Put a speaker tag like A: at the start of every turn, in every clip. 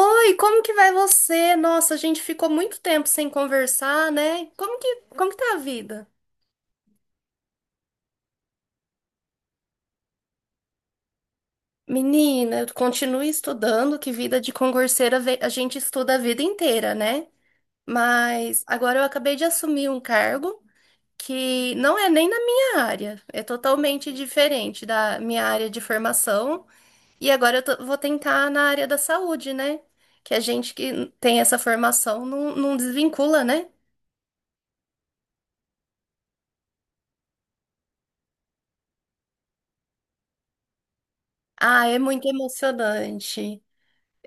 A: Oi, como que vai você? Nossa, a gente ficou muito tempo sem conversar, né? Como que tá a vida? Menina, eu continuo estudando, que vida de concurseira a gente estuda a vida inteira, né? Mas agora eu acabei de assumir um cargo que não é nem na minha área, é totalmente diferente da minha área de formação. E agora eu vou tentar na área da saúde, né? Que a gente que tem essa formação não desvincula, né? Ah, é muito emocionante.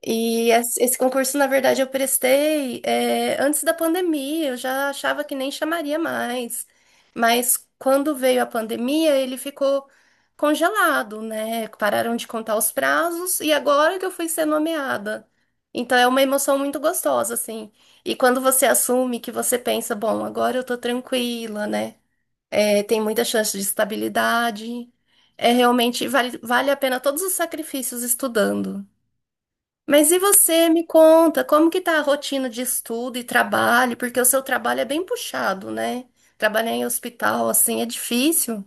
A: E esse concurso, na verdade, eu prestei, antes da pandemia, eu já achava que nem chamaria mais. Mas quando veio a pandemia, ele ficou congelado, né? Pararam de contar os prazos e agora que eu fui ser nomeada. Então é uma emoção muito gostosa, assim. E quando você assume, que você pensa, bom, agora eu tô tranquila, né? É, tem muita chance de estabilidade. É realmente, vale a pena todos os sacrifícios estudando. Mas e você, me conta, como que tá a rotina de estudo e trabalho? Porque o seu trabalho é bem puxado, né? Trabalhar em hospital, assim, é difícil.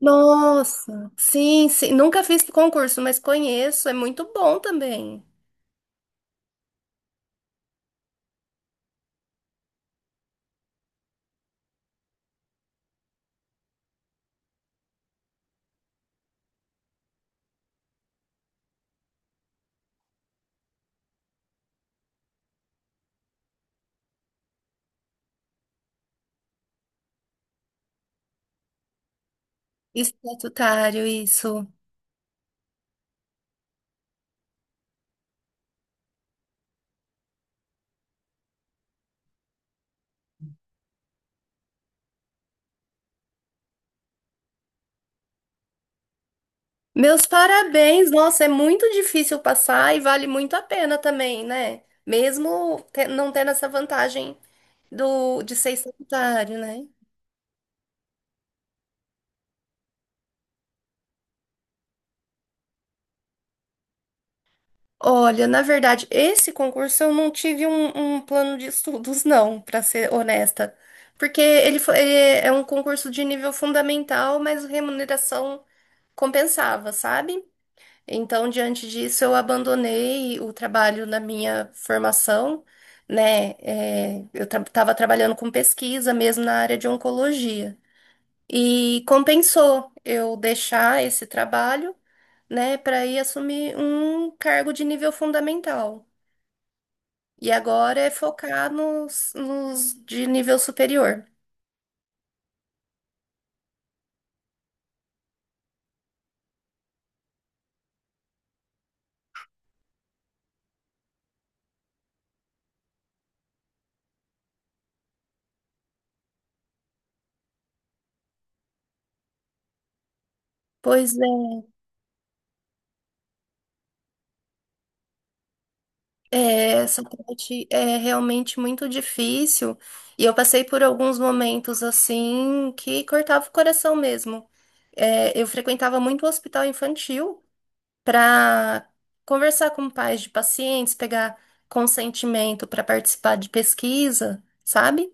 A: Nossa, sim, sim. Nunca fiz concurso, mas conheço, é muito bom também. Estatutário, isso. Meus parabéns, nossa, é muito difícil passar e vale muito a pena também, né? Mesmo não tendo essa vantagem de ser estatutário, né? Olha, na verdade, esse concurso eu não tive um plano de estudos, não, para ser honesta. Porque ele é um concurso de nível fundamental, mas a remuneração compensava, sabe? Então, diante disso, eu abandonei o trabalho na minha formação, né? É, eu estava trabalhando com pesquisa mesmo na área de oncologia. E compensou eu deixar esse trabalho, né, para ir assumir um cargo de nível fundamental. E agora é focar nos de nível superior. Pois é, essa parte é realmente muito difícil. E eu passei por alguns momentos assim que cortava o coração mesmo. É, eu frequentava muito o hospital infantil para conversar com pais de pacientes, pegar consentimento para participar de pesquisa, sabe?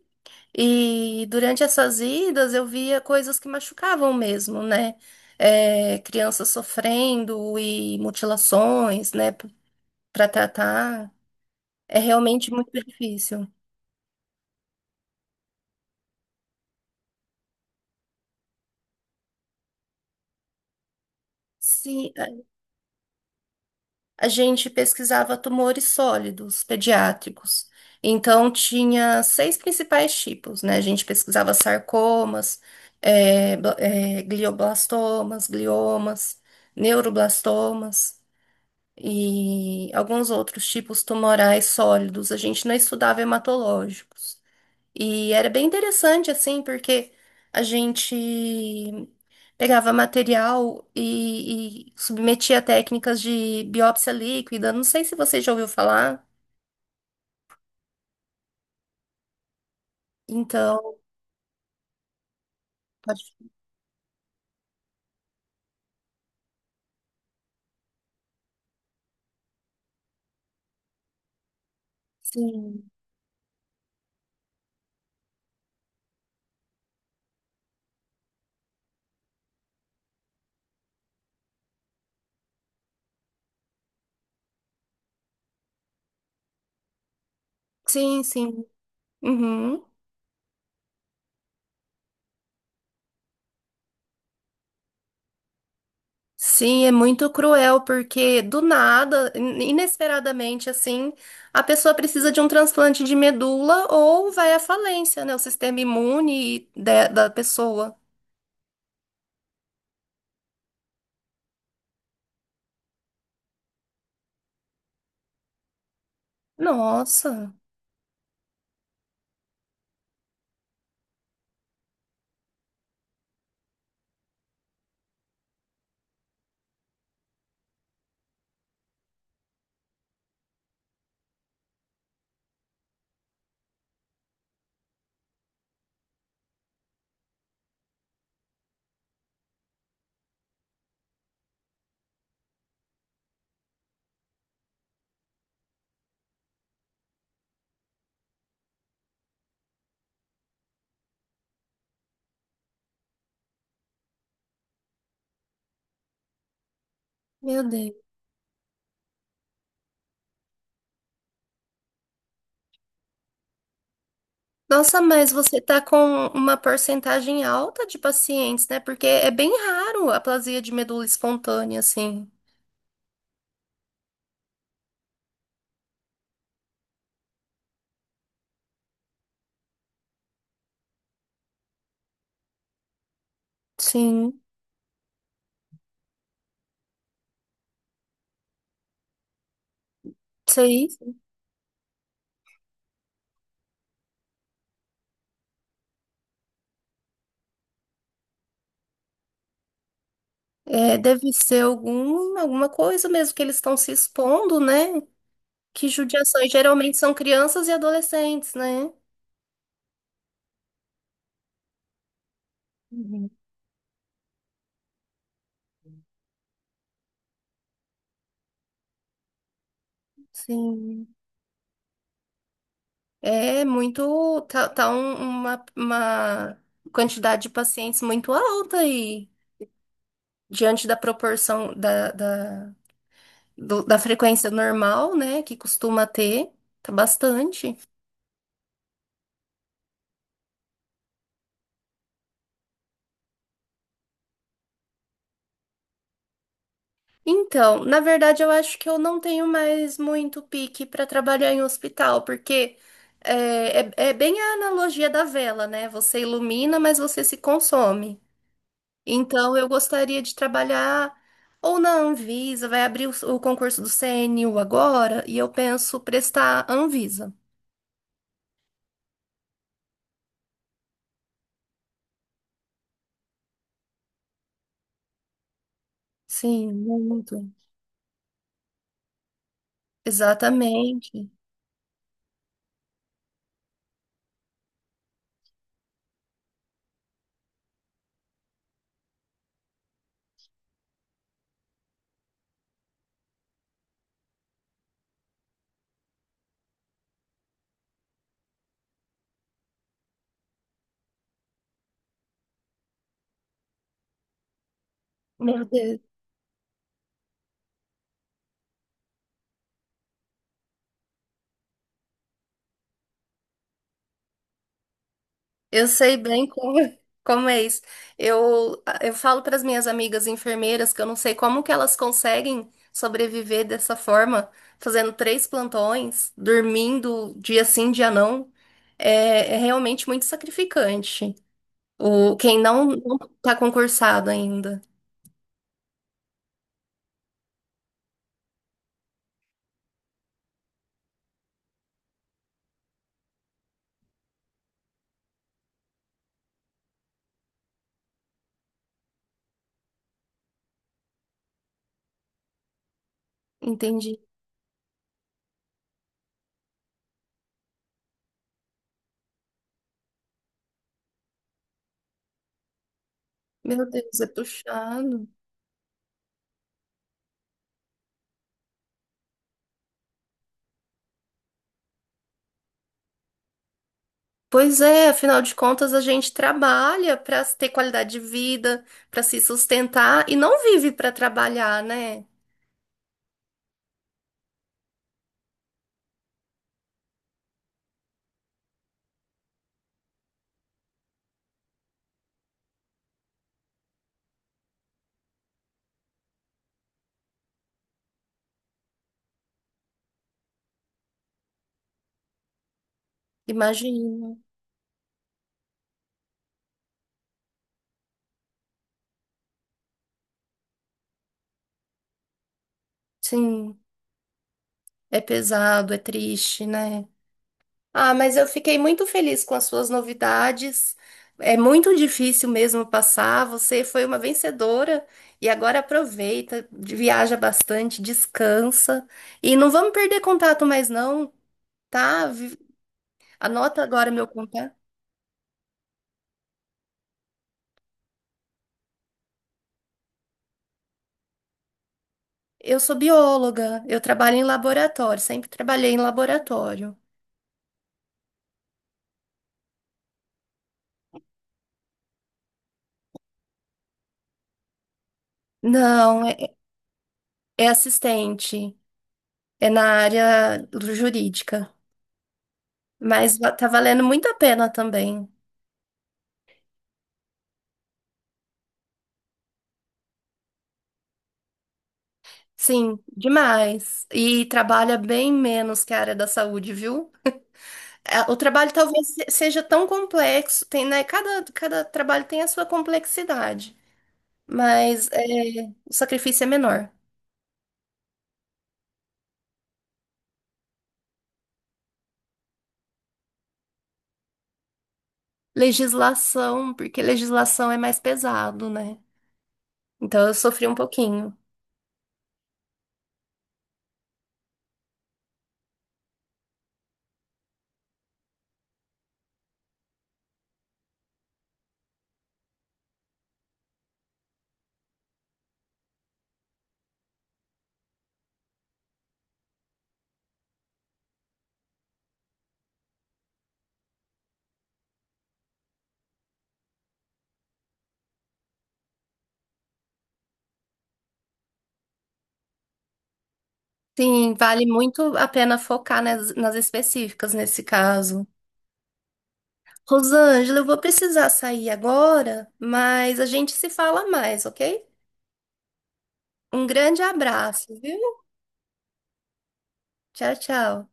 A: E durante essas idas eu via coisas que machucavam mesmo, né? É, crianças sofrendo e mutilações, né? Para tratar. É realmente muito difícil. Sim, a gente pesquisava tumores sólidos pediátricos. Então, tinha seis principais tipos, né? A gente pesquisava sarcomas, glioblastomas, gliomas, neuroblastomas e alguns outros tipos tumorais sólidos. A gente não estudava hematológicos. E era bem interessante, assim, porque a gente pegava material e submetia a técnicas de biópsia líquida. Não sei se você já ouviu falar. Então, pode... Sim, sim, sim. Uhum. Sim, é muito cruel, porque do nada, inesperadamente, assim, a pessoa precisa de um transplante de medula ou vai à falência, né? O sistema imune da pessoa. Nossa, meu Deus. Nossa, mas você tá com uma porcentagem alta de pacientes, né? Porque é bem raro a aplasia de medula espontânea, assim. Sim, sei. É, deve ser alguma coisa mesmo que eles estão se expondo, né? Que judiação. E geralmente são crianças e adolescentes, né? Uhum. Sim. É muito. Tá uma quantidade de pacientes muito alta aí, diante da proporção da da frequência normal, né, que costuma ter, tá bastante. Então, na verdade, eu acho que eu não tenho mais muito pique para trabalhar em hospital, porque é bem a analogia da vela, né? Você ilumina, mas você se consome. Então, eu gostaria de trabalhar ou na Anvisa. Vai abrir o concurso do CNU agora, e eu penso prestar Anvisa. Sim, muito. Exatamente. Meu Deus. Eu sei bem como, como é isso. Eu falo para as minhas amigas enfermeiras que eu não sei como que elas conseguem sobreviver dessa forma, fazendo três plantões, dormindo dia sim, dia não. É, é realmente muito sacrificante. O, quem não está concursado ainda. Entendi. Meu Deus, é puxado. Pois é, afinal de contas, a gente trabalha para ter qualidade de vida, para se sustentar e não vive para trabalhar, né? Imagino. Sim, é pesado, é triste, né? Ah, mas eu fiquei muito feliz com as suas novidades. É muito difícil mesmo passar. Você foi uma vencedora e agora aproveita, viaja bastante, descansa e não vamos perder contato mais não, tá? Anota agora meu contato. Eu sou bióloga, eu trabalho em laboratório, sempre trabalhei em laboratório. Não, é assistente, é na área jurídica. Mas tá valendo muito a pena também. Sim, demais. E trabalha bem menos que a área da saúde, viu? É, o trabalho talvez seja tão complexo, tem, né? Cada trabalho tem a sua complexidade, mas é, o sacrifício é menor. Legislação, porque legislação é mais pesado, né? Então eu sofri um pouquinho. Sim, vale muito a pena focar nas específicas nesse caso. Rosângela, eu vou precisar sair agora, mas a gente se fala mais, ok? Um grande abraço, viu? Tchau, tchau.